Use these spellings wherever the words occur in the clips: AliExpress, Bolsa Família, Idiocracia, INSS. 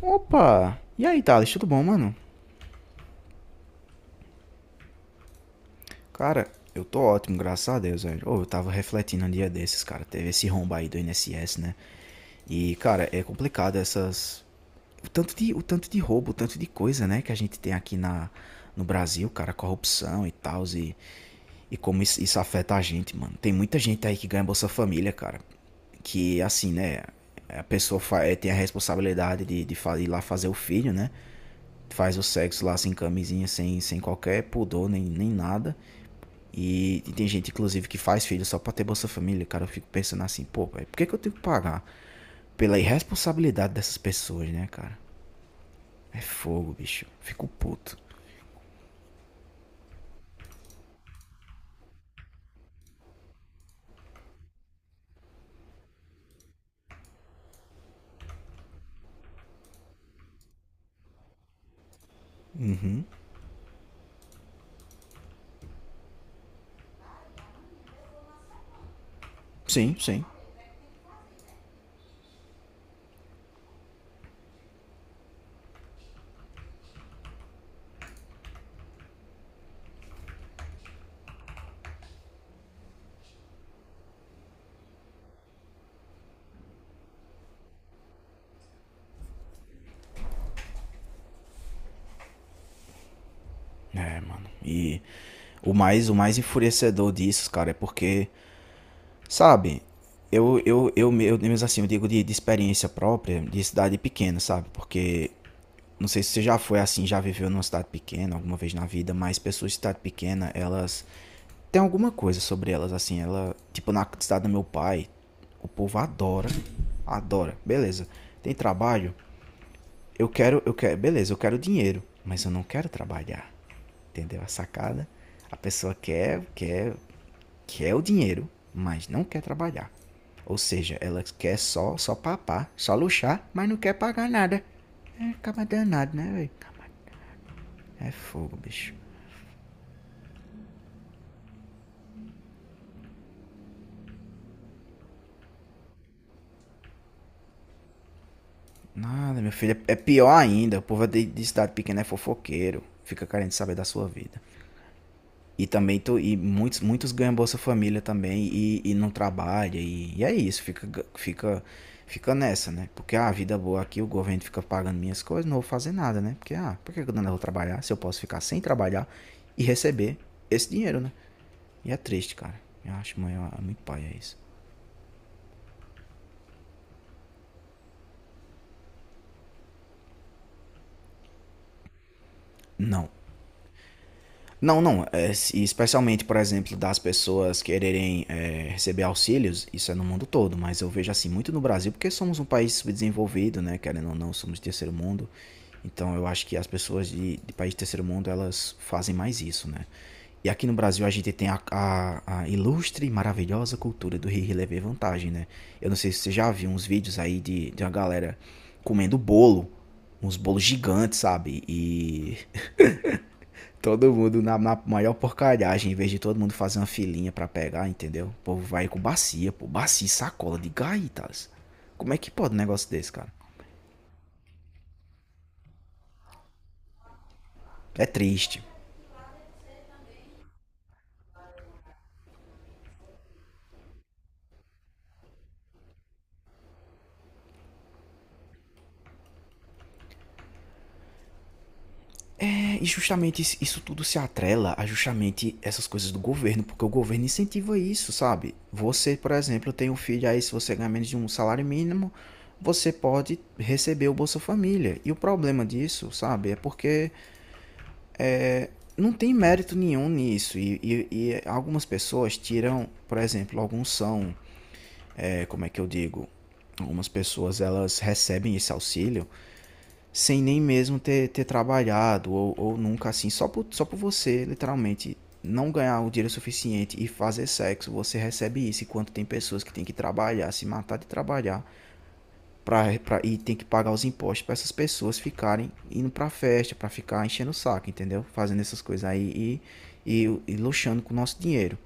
Opa! E aí, Thales, tudo bom, mano? Cara, eu tô ótimo, graças a Deus, velho. Ô, eu tava refletindo um dia desses, cara. Teve esse rombo aí do INSS, né? E, cara, é complicado essas. O tanto de roubo, o tanto de coisa, né, que a gente tem no Brasil, cara, corrupção e tal, e como isso afeta a gente, mano. Tem muita gente aí que ganha Bolsa Família, cara. Que, assim, né? A pessoa fa- eh, Tem a responsabilidade de ir lá fazer o filho, né? Faz o sexo lá sem camisinha, sem qualquer pudor, nem nada. E tem gente, inclusive, que faz filho só pra ter Bolsa Família. Cara, eu fico pensando assim, pô, pai, por que eu tenho que pagar? Pela irresponsabilidade dessas pessoas, né, cara? É fogo, bicho. Fico puto. Sim, sim. É, mano. E o mais enfurecedor disso, cara, é porque, sabe, eu, mesmo assim, eu digo de experiência própria, de cidade pequena, sabe? Porque não sei se você já foi assim, já viveu numa cidade pequena alguma vez na vida, mas pessoas de cidade pequena, elas tem alguma coisa sobre elas assim, ela, tipo na cidade do meu pai, o povo adora, adora. Beleza. Tem trabalho? Eu quero, beleza, eu quero dinheiro, mas eu não quero trabalhar. Entendeu a sacada? A pessoa quer o dinheiro, mas não quer trabalhar. Ou seja, ela quer só, só papar, só luxar, mas não quer pagar nada. É, acaba danado, né, velho? É fogo, bicho. Nada, meu filho. É pior ainda. O povo de cidade pequena é fofoqueiro. Fica querendo saber da sua vida. E muitos, muitos ganham Bolsa Família também e não trabalha. E é isso, fica, fica nessa, né? Porque a ah, vida é boa aqui, o governo fica pagando minhas coisas, não vou fazer nada, né? Porque, ah, por que eu não vou trabalhar se eu posso ficar sem trabalhar e receber esse dinheiro, né? E é triste, cara. Eu acho, mãe, é muito paia isso. Não, não, não. É, especialmente, por exemplo, das pessoas quererem receber auxílios, isso é no mundo todo, mas eu vejo assim muito no Brasil, porque somos um país subdesenvolvido, né? Querendo ou não, somos de terceiro mundo. Então eu acho que as pessoas de país de terceiro mundo, elas fazem mais isso, né? E aqui no Brasil a gente tem a ilustre e maravilhosa cultura do rir e levar vantagem, né? Eu não sei se você já viu uns vídeos aí de uma galera comendo bolo, uns bolos gigantes, sabe? E todo mundo na maior porcalhagem, em vez de todo mundo fazer uma filinha pra pegar, entendeu? O povo vai com bacia, pô, bacia, sacola de gaitas. Como é que pode um negócio desse, cara? É triste. É, e justamente isso, isso tudo se atrela a justamente essas coisas do governo, porque o governo incentiva isso, sabe? Você, por exemplo, tem um filho aí, se você ganhar menos de um salário mínimo, você pode receber o Bolsa Família. E o problema disso, sabe, é porque não tem mérito nenhum nisso. E, e algumas pessoas tiram, por exemplo, alguns são, é, como é que eu digo? Algumas pessoas elas recebem esse auxílio sem nem mesmo ter trabalhado ou nunca assim, só por você, literalmente, não ganhar o dinheiro suficiente e fazer sexo, você recebe isso, enquanto tem pessoas que têm que trabalhar, se matar de trabalhar. Pra, e tem que pagar os impostos para essas pessoas ficarem indo pra festa, pra ficar enchendo o saco, entendeu? Fazendo essas coisas aí e luxando com o nosso dinheiro.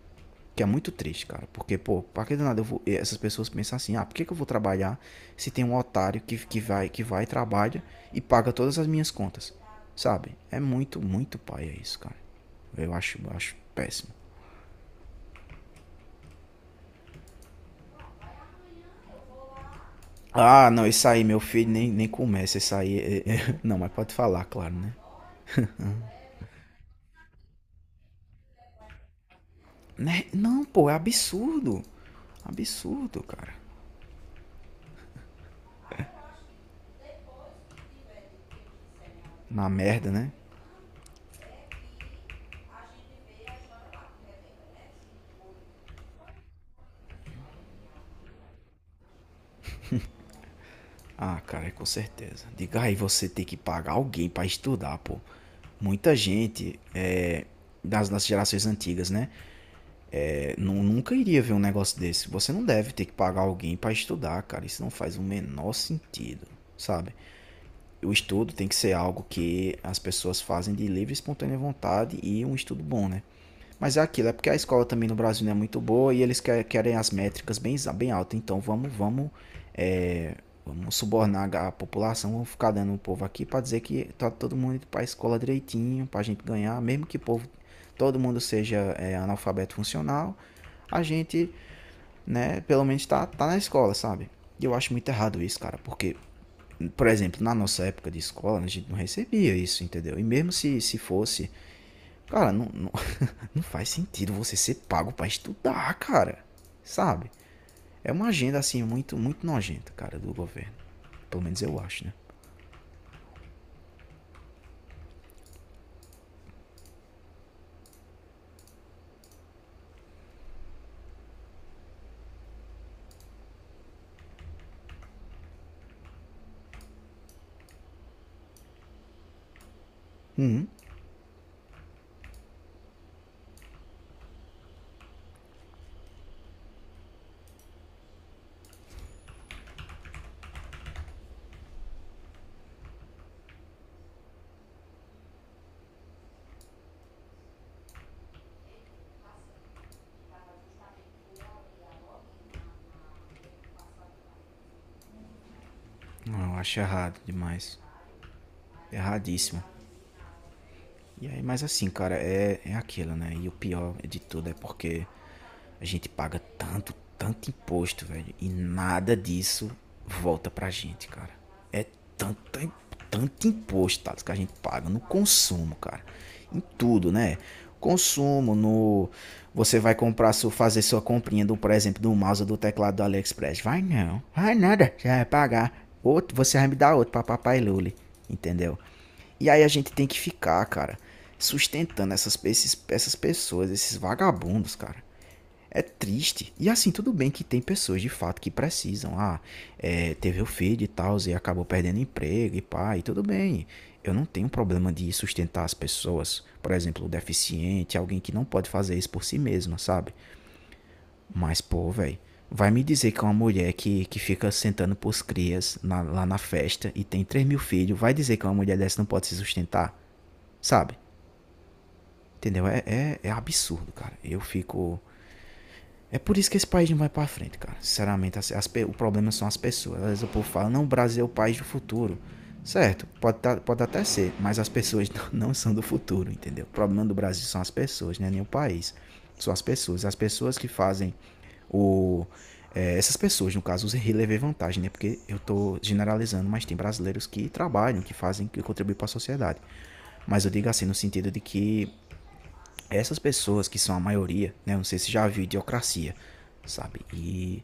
Que é muito triste, cara. Porque, pô, pra que do nada eu vou, essas pessoas pensam assim, ah, por que eu vou trabalhar se tem um otário que vai, trabalha e paga todas as minhas contas? Sabe? É muito, muito paia é isso, cara. Eu acho péssimo. Ah, não, isso aí, meu filho, nem começa isso aí. É, é, não, mas pode falar, claro, né? Né? Não, pô, é absurdo. Absurdo, cara. Na merda, né? Ah, cara, com certeza. Diga aí, você tem que pagar alguém pra estudar, pô. Muita gente é, das gerações antigas, né? É, nunca iria ver um negócio desse. Você não deve ter que pagar alguém pra estudar, cara. Isso não faz o menor sentido, sabe? O estudo tem que ser algo que as pessoas fazem de livre e espontânea vontade e um estudo bom, né? Mas é aquilo, é porque a escola também no Brasil não é muito boa e eles querem as métricas bem, bem altas. Então vamos subornar a população, vamos ficar dando o povo aqui para dizer que tá todo mundo indo para a escola direitinho, para a gente ganhar, mesmo que o povo, todo mundo seja analfabeto funcional, a gente, né, pelo menos tá na escola, sabe? E eu acho muito errado isso, cara, porque, por exemplo, na nossa época de escola, a gente não recebia isso, entendeu? E mesmo se fosse, cara, não faz sentido você ser pago pra estudar, cara. Sabe? É uma agenda, assim, muito, muito nojenta, cara, do governo. Pelo menos eu acho, né? Uhum. Não, eu acho errado demais. Erradíssimo. E aí, mas assim, cara, é, é aquilo, né? E o pior de tudo é porque a gente paga tanto, tanto imposto, velho, e nada disso volta pra gente, cara. É tanto, tanto imposto, Thales, que a gente paga no consumo, cara. Em tudo, né? Consumo, no. Você vai comprar, fazer sua comprinha, do, por exemplo, do mouse ou do teclado do AliExpress. Vai não, vai nada, já vai pagar. Outro, você vai me dar outro pra papai Luli, entendeu? E aí a gente tem que ficar, cara, sustentando essas pessoas, esses vagabundos, cara. É triste. E assim, tudo bem que tem pessoas de fato que precisam. Ah, é, teve o filho e tal, e acabou perdendo emprego e pá, e tudo bem. Eu não tenho problema de sustentar as pessoas. Por exemplo, o deficiente, alguém que não pode fazer isso por si mesma, sabe? Mas, pô, velho, vai me dizer que é uma mulher que fica sentando pros crias lá na festa e tem 3 mil filhos, vai dizer que uma mulher dessa não pode se sustentar, sabe? Entendeu? É absurdo, cara. Eu fico. É por isso que esse país não vai pra frente, cara. Sinceramente, as o problema são as pessoas. Às vezes o povo fala, não, o Brasil é o país do futuro. Certo, pode, pode até ser, mas as pessoas não são do futuro, entendeu? O problema do Brasil são as pessoas, não é nem o país. São as pessoas. As pessoas que fazem o. É, essas pessoas, no caso, os relevei vantagem, né? Porque eu tô generalizando, mas tem brasileiros que trabalham, que fazem, que contribuem para a sociedade. Mas eu digo assim, no sentido de que essas pessoas que são a maioria, né? Não sei se já viu Idiocracia, sabe? E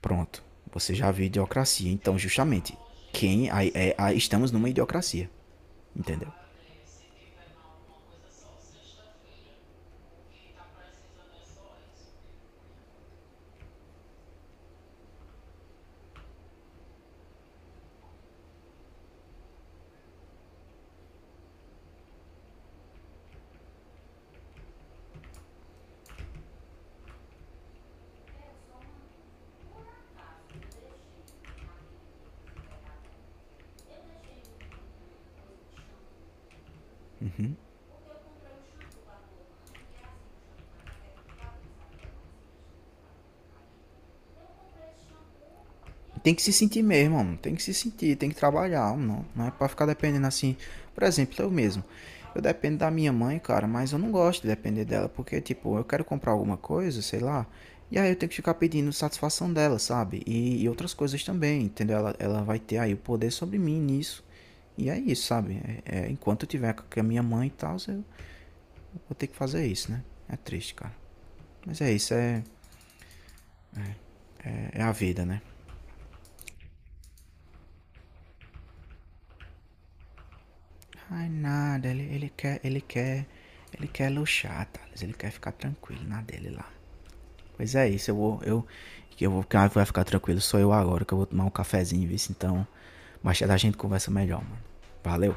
pronto, você já viu Idiocracia. Então, justamente, quem aí, é, aí estamos numa idiocracia, entendeu? Tem que se sentir mesmo, mano. Tem que se sentir, tem que trabalhar, não, não é para ficar dependendo assim. Por exemplo, eu mesmo. Eu dependo da minha mãe, cara, mas eu não gosto de depender dela, porque tipo, eu quero comprar alguma coisa, sei lá, e aí eu tenho que ficar pedindo satisfação dela, sabe? E outras coisas também, entendeu? Ela vai ter aí o poder sobre mim nisso. E é isso, sabe? Enquanto eu tiver com a minha mãe e tal, eu vou ter que fazer isso, né? É triste, cara. Mas é isso, é a vida, né? Ai, nada, ele ele quer luxar, Thales. Ele quer ficar tranquilo na dele lá. Pois é isso, eu vou, quem vai ficar tranquilo sou eu agora, que eu vou tomar um cafezinho, viu? Então, mais tarde a gente conversa melhor, mano. Valeu!